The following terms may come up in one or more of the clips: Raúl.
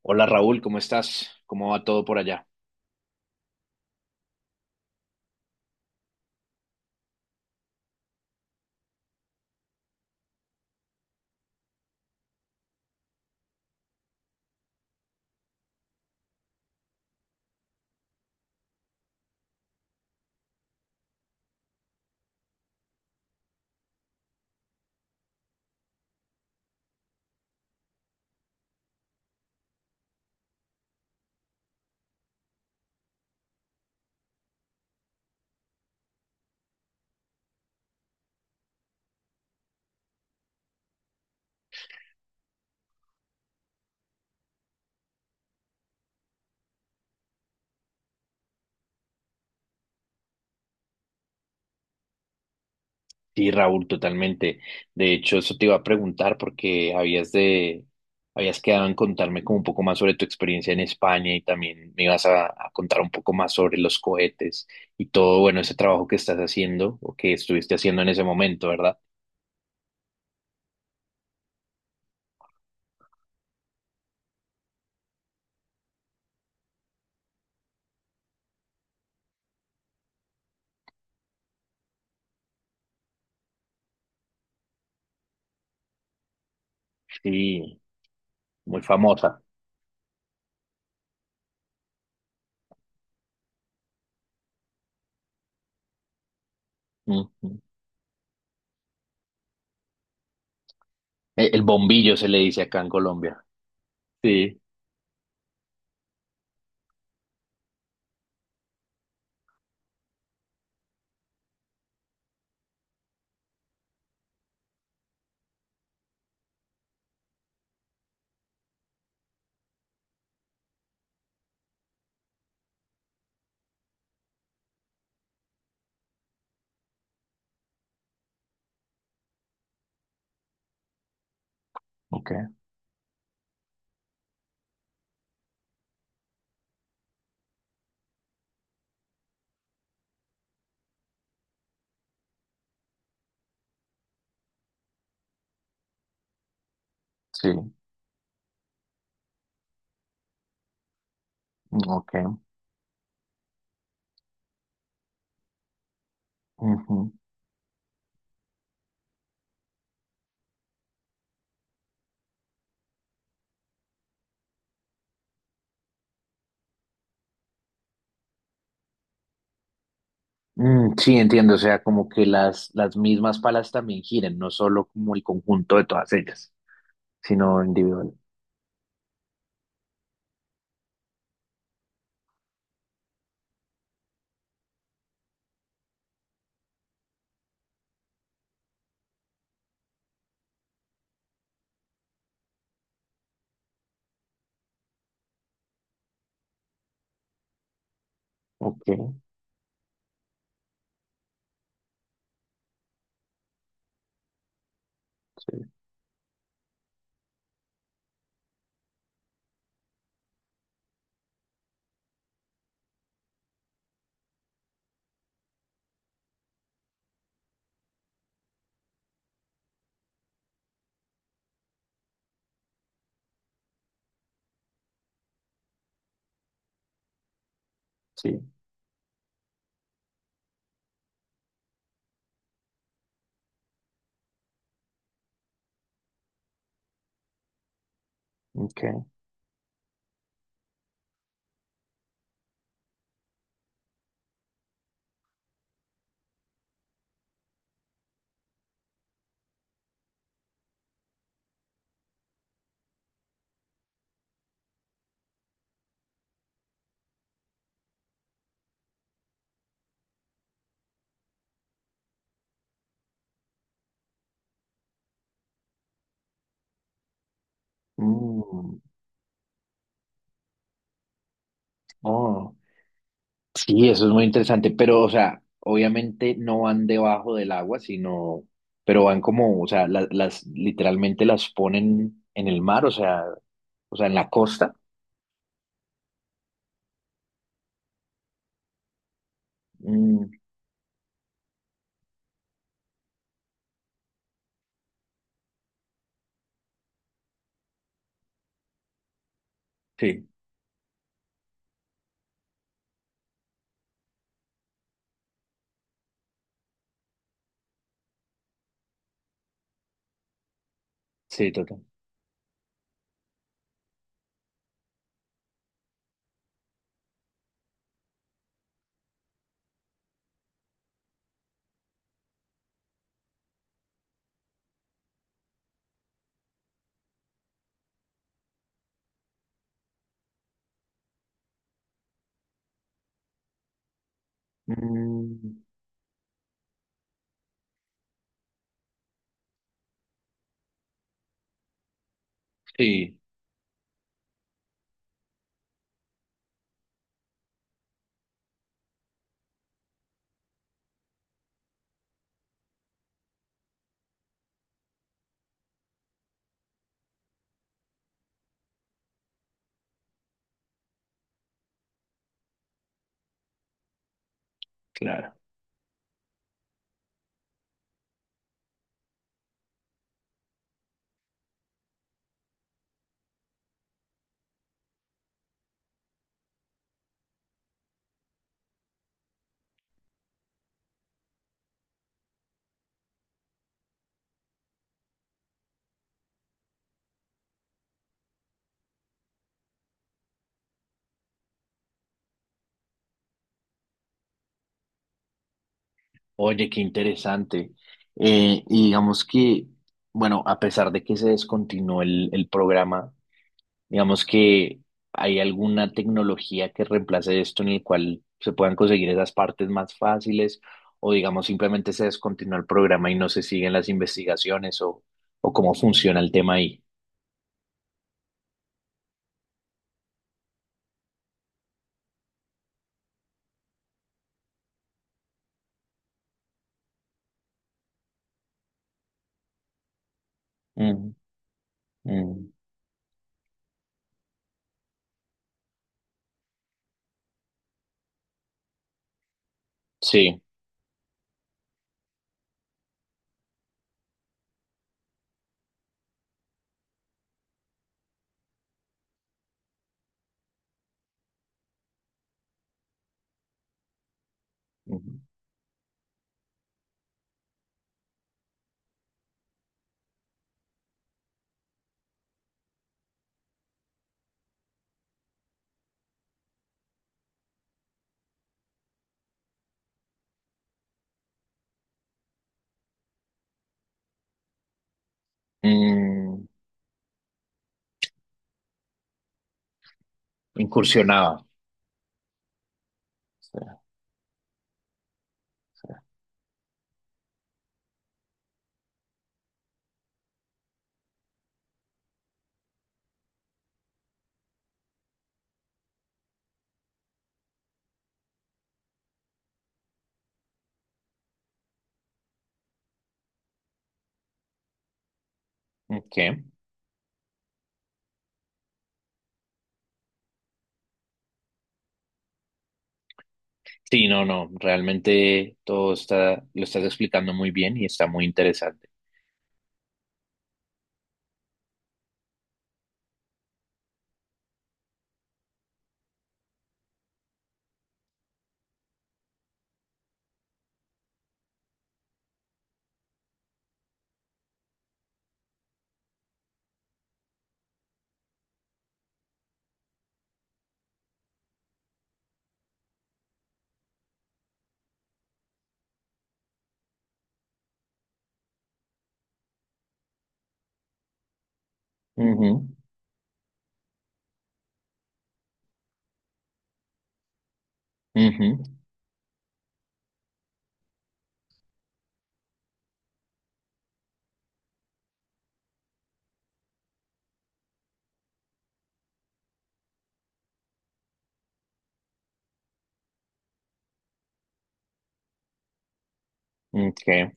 Hola Raúl, ¿cómo estás? ¿Cómo va todo por allá? Sí, Raúl, totalmente. De hecho, eso te iba a preguntar porque habías quedado en contarme como un poco más sobre tu experiencia en España y también me ibas a contar un poco más sobre los cohetes y todo, bueno, ese trabajo que estás haciendo o que estuviste haciendo en ese momento, ¿verdad? Sí, muy famosa. Ujú. El bombillo se le dice acá en Colombia. Sí. Ok, sí, ok. Ujú. Mm, sí, entiendo, o sea, como que las mismas palas también giren, no solo como el conjunto de todas ellas, sino individual. Ok, sí, sí, ok. Mm, oh, sí, eso es muy interesante, pero, o sea, obviamente no van debajo del agua, sino, pero van como, o sea, literalmente las ponen en el mar, o sea, en la costa. Mm, sí, sí, total. Mm, sí, claro. Oye, qué interesante. Y digamos que, bueno, a pesar de que se descontinuó el programa, digamos que hay alguna tecnología que reemplace esto en el cual se puedan conseguir esas partes más fáciles, o digamos simplemente se descontinuó el programa y no se siguen las investigaciones, o cómo funciona el tema ahí. Mm, mm, sí. Ujú. Mm, incursionaba. Sí, sí. Ok. Sí, no, no, realmente todo está, lo estás explicando muy bien y está muy interesante. Ujú, ujú, okay,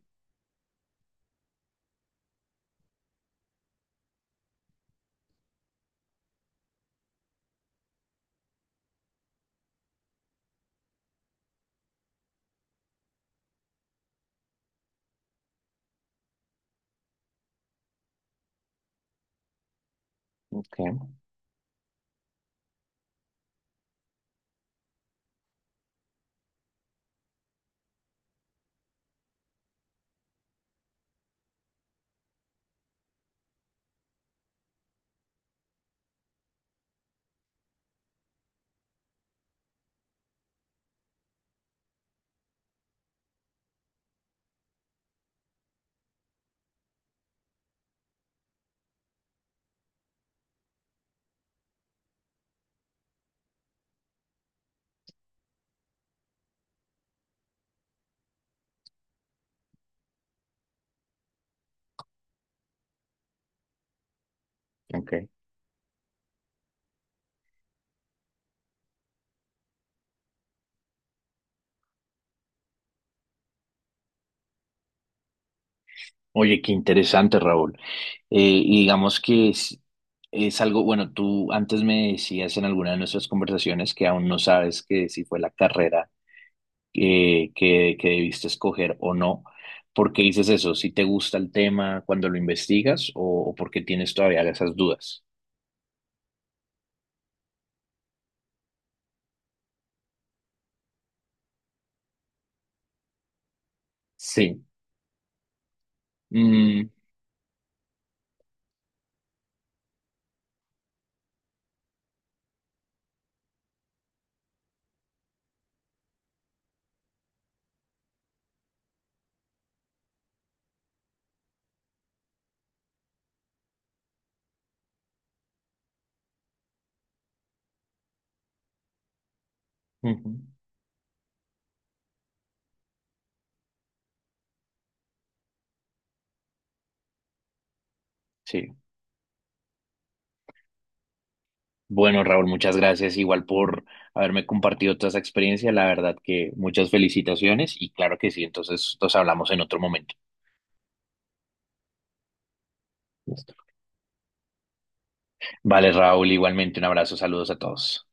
okay, okay. Oye, qué interesante, Raúl. Eh, y digamos que es algo, bueno, tú antes me decías en alguna de nuestras conversaciones que aún no sabes que si fue la carrera que debiste escoger o no. ¿Por qué dices eso? ¿Si te gusta el tema cuando lo investigas o porque tienes todavía esas dudas? Sí. Mm, ujú, sí. Bueno, Raúl, muchas gracias igual por haberme compartido toda esa experiencia. La verdad que muchas felicitaciones y claro que sí, entonces nos hablamos en otro momento. Listo. Vale, Raúl, igualmente un abrazo, saludos a todos.